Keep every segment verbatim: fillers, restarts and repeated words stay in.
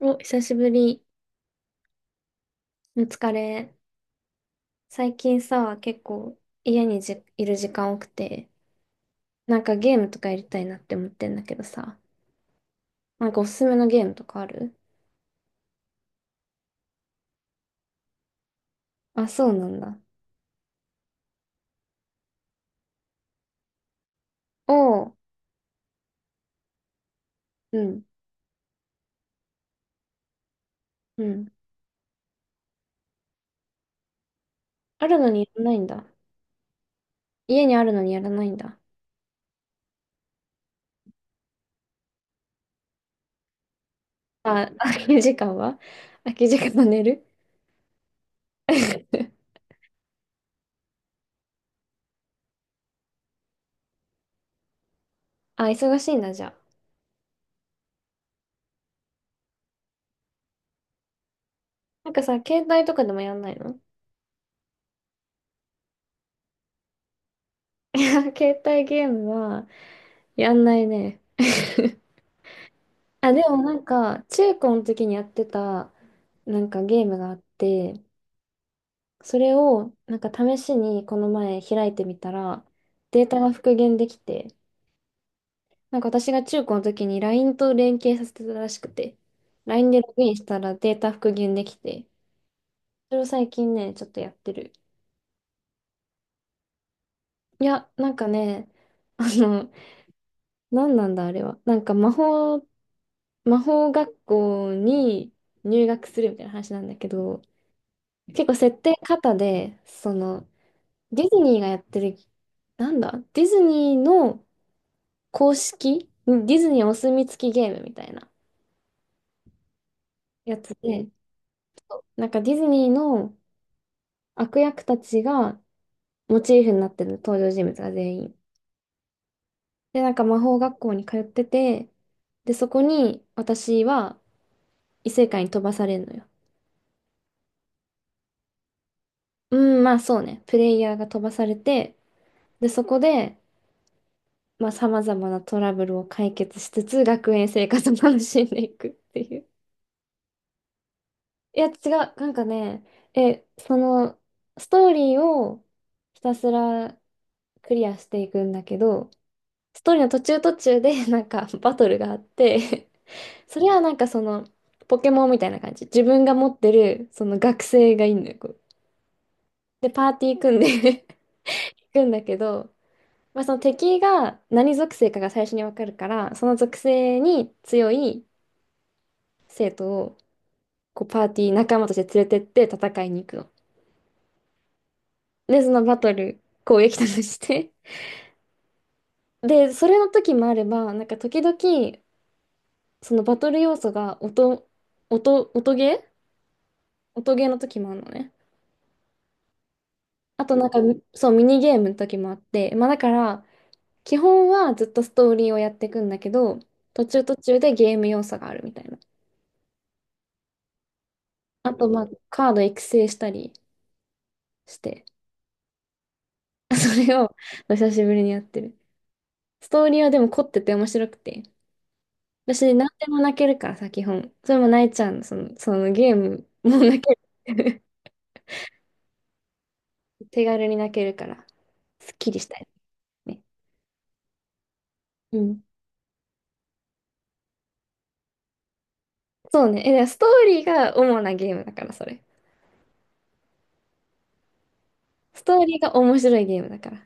お、久しぶり。お疲れ。最近さ、結構家にじ、いる時間多くて、なんかゲームとかやりたいなって思ってんだけどさ、なんかおすすめのゲームとかある？あ、そうなんだ。おう、うん、うん。あるのにやらないんだ。家にあるのにやらないんだ。あ、空き時間は空き時間は寝る。 あ、忙しいんだ、じゃあ。なんかさ、携帯とかでもやんないの？いや携帯ゲームはやんないね。あ、でもなんか、中高の時にやってた、なんかゲームがあって、それを、なんか試しにこの前開いてみたら、データが復元できて、なんか私が中高の時に ライン と連携させてたらしくて、ライン でログインしたらデータ復元できて、それを最近ね、ちょっとやってる。いや、なんかね、あの、何なんだあれは。なんか魔法、魔法学校に入学するみたいな話なんだけど、結構設定型で、その、ディズニーがやってる、なんだ、ディズニーの公式、んディズニーお墨付きゲームみたいなやつで、なんかディズニーの悪役たちがモチーフになってる登場人物が全員。で、なんか魔法学校に通ってて、で、そこに私は異世界に飛ばされるのよ。うん、まあそうね。プレイヤーが飛ばされて、で、そこで、まあ、様々なトラブルを解決しつつ、学園生活を楽しんでいくっていう。いや、違う。なんかね、え、その、ストーリーをひたすらクリアしていくんだけど、ストーリーの途中途中で、なんか、バトルがあって、それはなんかその、ポケモンみたいな感じ。自分が持ってる、その学生がいるんのよ。こうで、パーティー組んで 行くんだけど、まあ、その敵が何属性かが最初にわかるから、その属性に強い生徒をこうパーティー仲間として連れてって戦いに行くの。で、そのバトル、攻撃とかして。で、それの時もあれば、なんか時々、そのバトル要素が音、音、音ゲー音ゲーの時もあるのね。あとなんか、そう、ミニゲームの時もあって、まあだから、基本はずっとストーリーをやっていくんだけど、途中途中でゲーム要素があるみたいな。あと、まあ、カード育成したりして、それを久しぶりにやってる。ストーリーはでも凝ってて面白くて。私、何でも泣けるからさ、基本。それも泣いちゃうの、その、そのゲームも泣ける。手軽に泣けるから、すっきりしたいね。うん。そうね。え、でストーリーが主なゲームだから、それ。ストーリーが面白いゲームだから。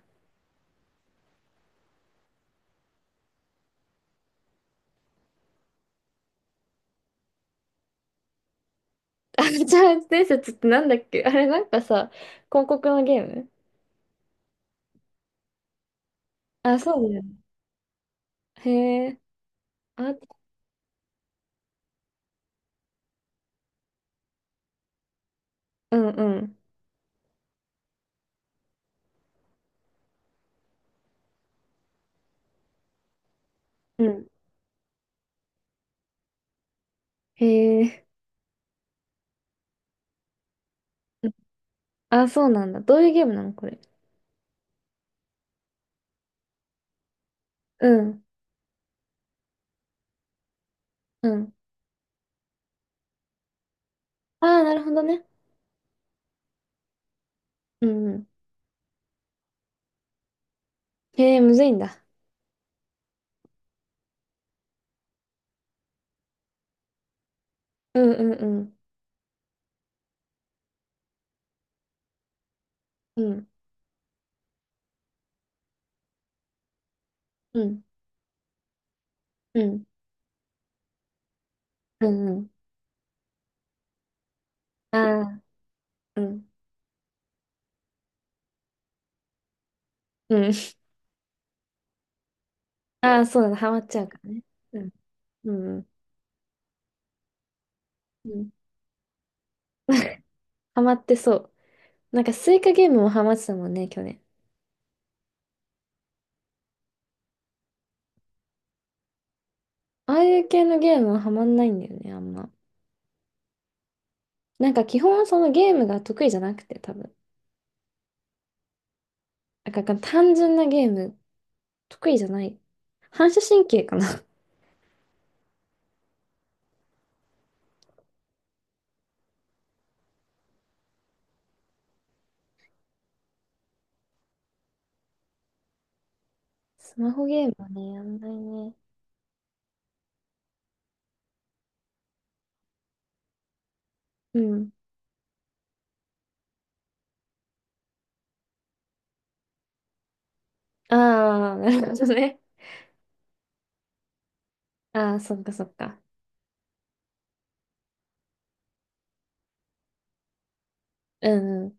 あ、じゃあ伝説ってなんだっけあれ、なんかさ、広告のゲーム？あ、そうだよね。へえ。あ、うんうん。うん。へえ。うん。あ、そうなんだ。どういうゲームなのこれ？うん。うん。ああ、なるほどね。うんうん。へえ、むずいんだ。うん。うん。うん、うん、うん、うん、うん。ああ、うん、うん。ああ、そうだ、ハマっちゃうからね。うん、うん、うん。ハマってそう。なんかスイカゲームもハマってたもんね、去年。ああいう系のゲームはハマんないんだよね、あんま。なんか基本そのゲームが得意じゃなくて、多分。なんか単純なゲーム、得意じゃない。反射神経かな。スマホゲームはね、やんないね。うん。ああ、なるほどね。ああ、そっかそっか。うんうん。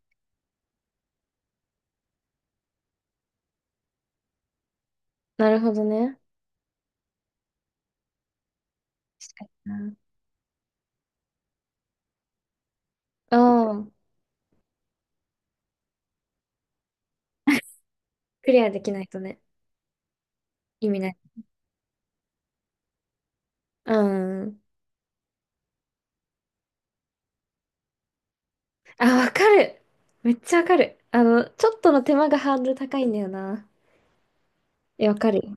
なるほどね。確かにな。うん。クリアできないとね、意味ない。うん。あ、わかる。めっちゃわかる。あの、ちょっとの手間がハードル高いんだよな。え、わかるよ。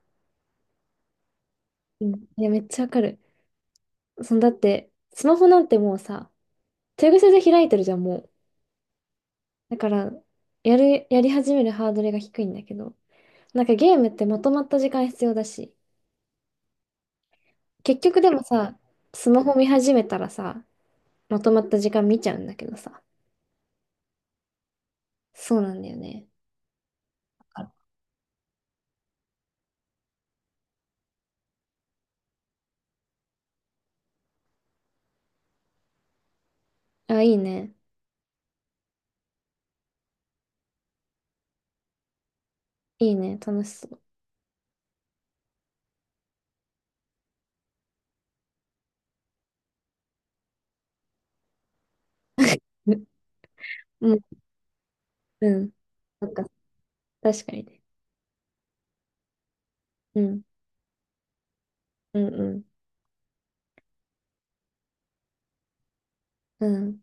うん。いや、めっちゃわかる。そのだって、スマホなんてもうさ、手癖で開いてるじゃん、もう。だから、やる、やり始めるハードルが低いんだけど。なんかゲームってまとまった時間必要だし、結局でもさ、スマホ見始めたらさ、まとまった時間見ちゃうんだけどさ。そうなんだよね。あ、いいね。いいね。楽しそう。うん、うん。なんか、確かにね。うん、うん、うん、うん、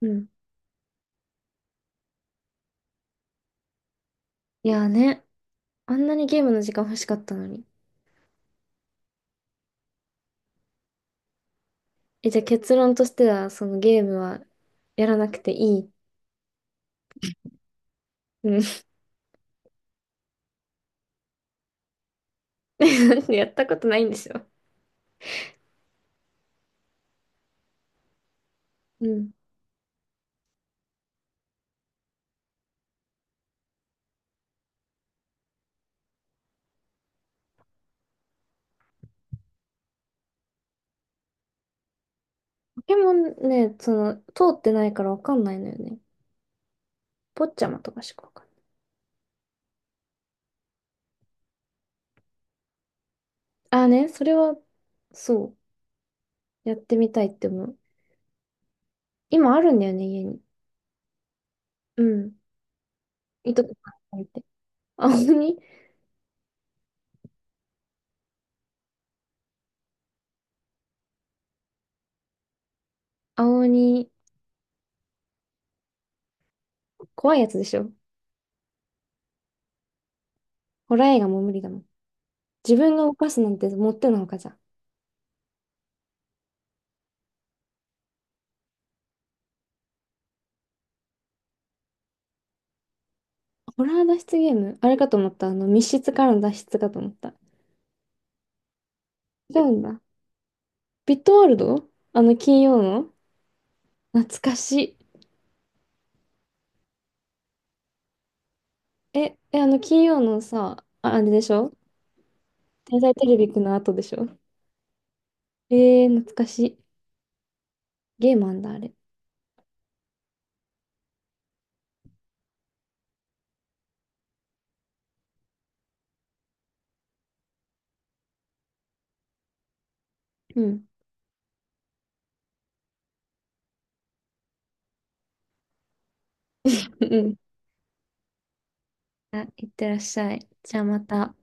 うん。いやーね、あんなにゲームの時間欲しかったのに。え、じゃあ結論としては、そのゲームはやらなくていい。うん。やったことないんでしょ？うん。ポケモンね、その、通ってないからわかんないのよね。ポッチャマとかしかわかんない。ああね、それは、そう、やってみたいって思う。今あるんだよね、家に。うん。いとこがいて。青鬼、青鬼、怖いやつでしょ？ホラー映画も無理だもん。自分が動かすなんてもってのほかじゃん。ホラー脱出ゲームあれかと思った。あの、密室からの脱出かと思った。違うんだ。ビットワールド、あの、金曜の。懐かしい。え、え、あの、金曜のさ、あ、あれでしょ、天才テレビくんの後でしょ？えー、懐かしい。ゲームあんだ、あれ。うん。うんうん。あ、いってらっしゃい。じゃあまた。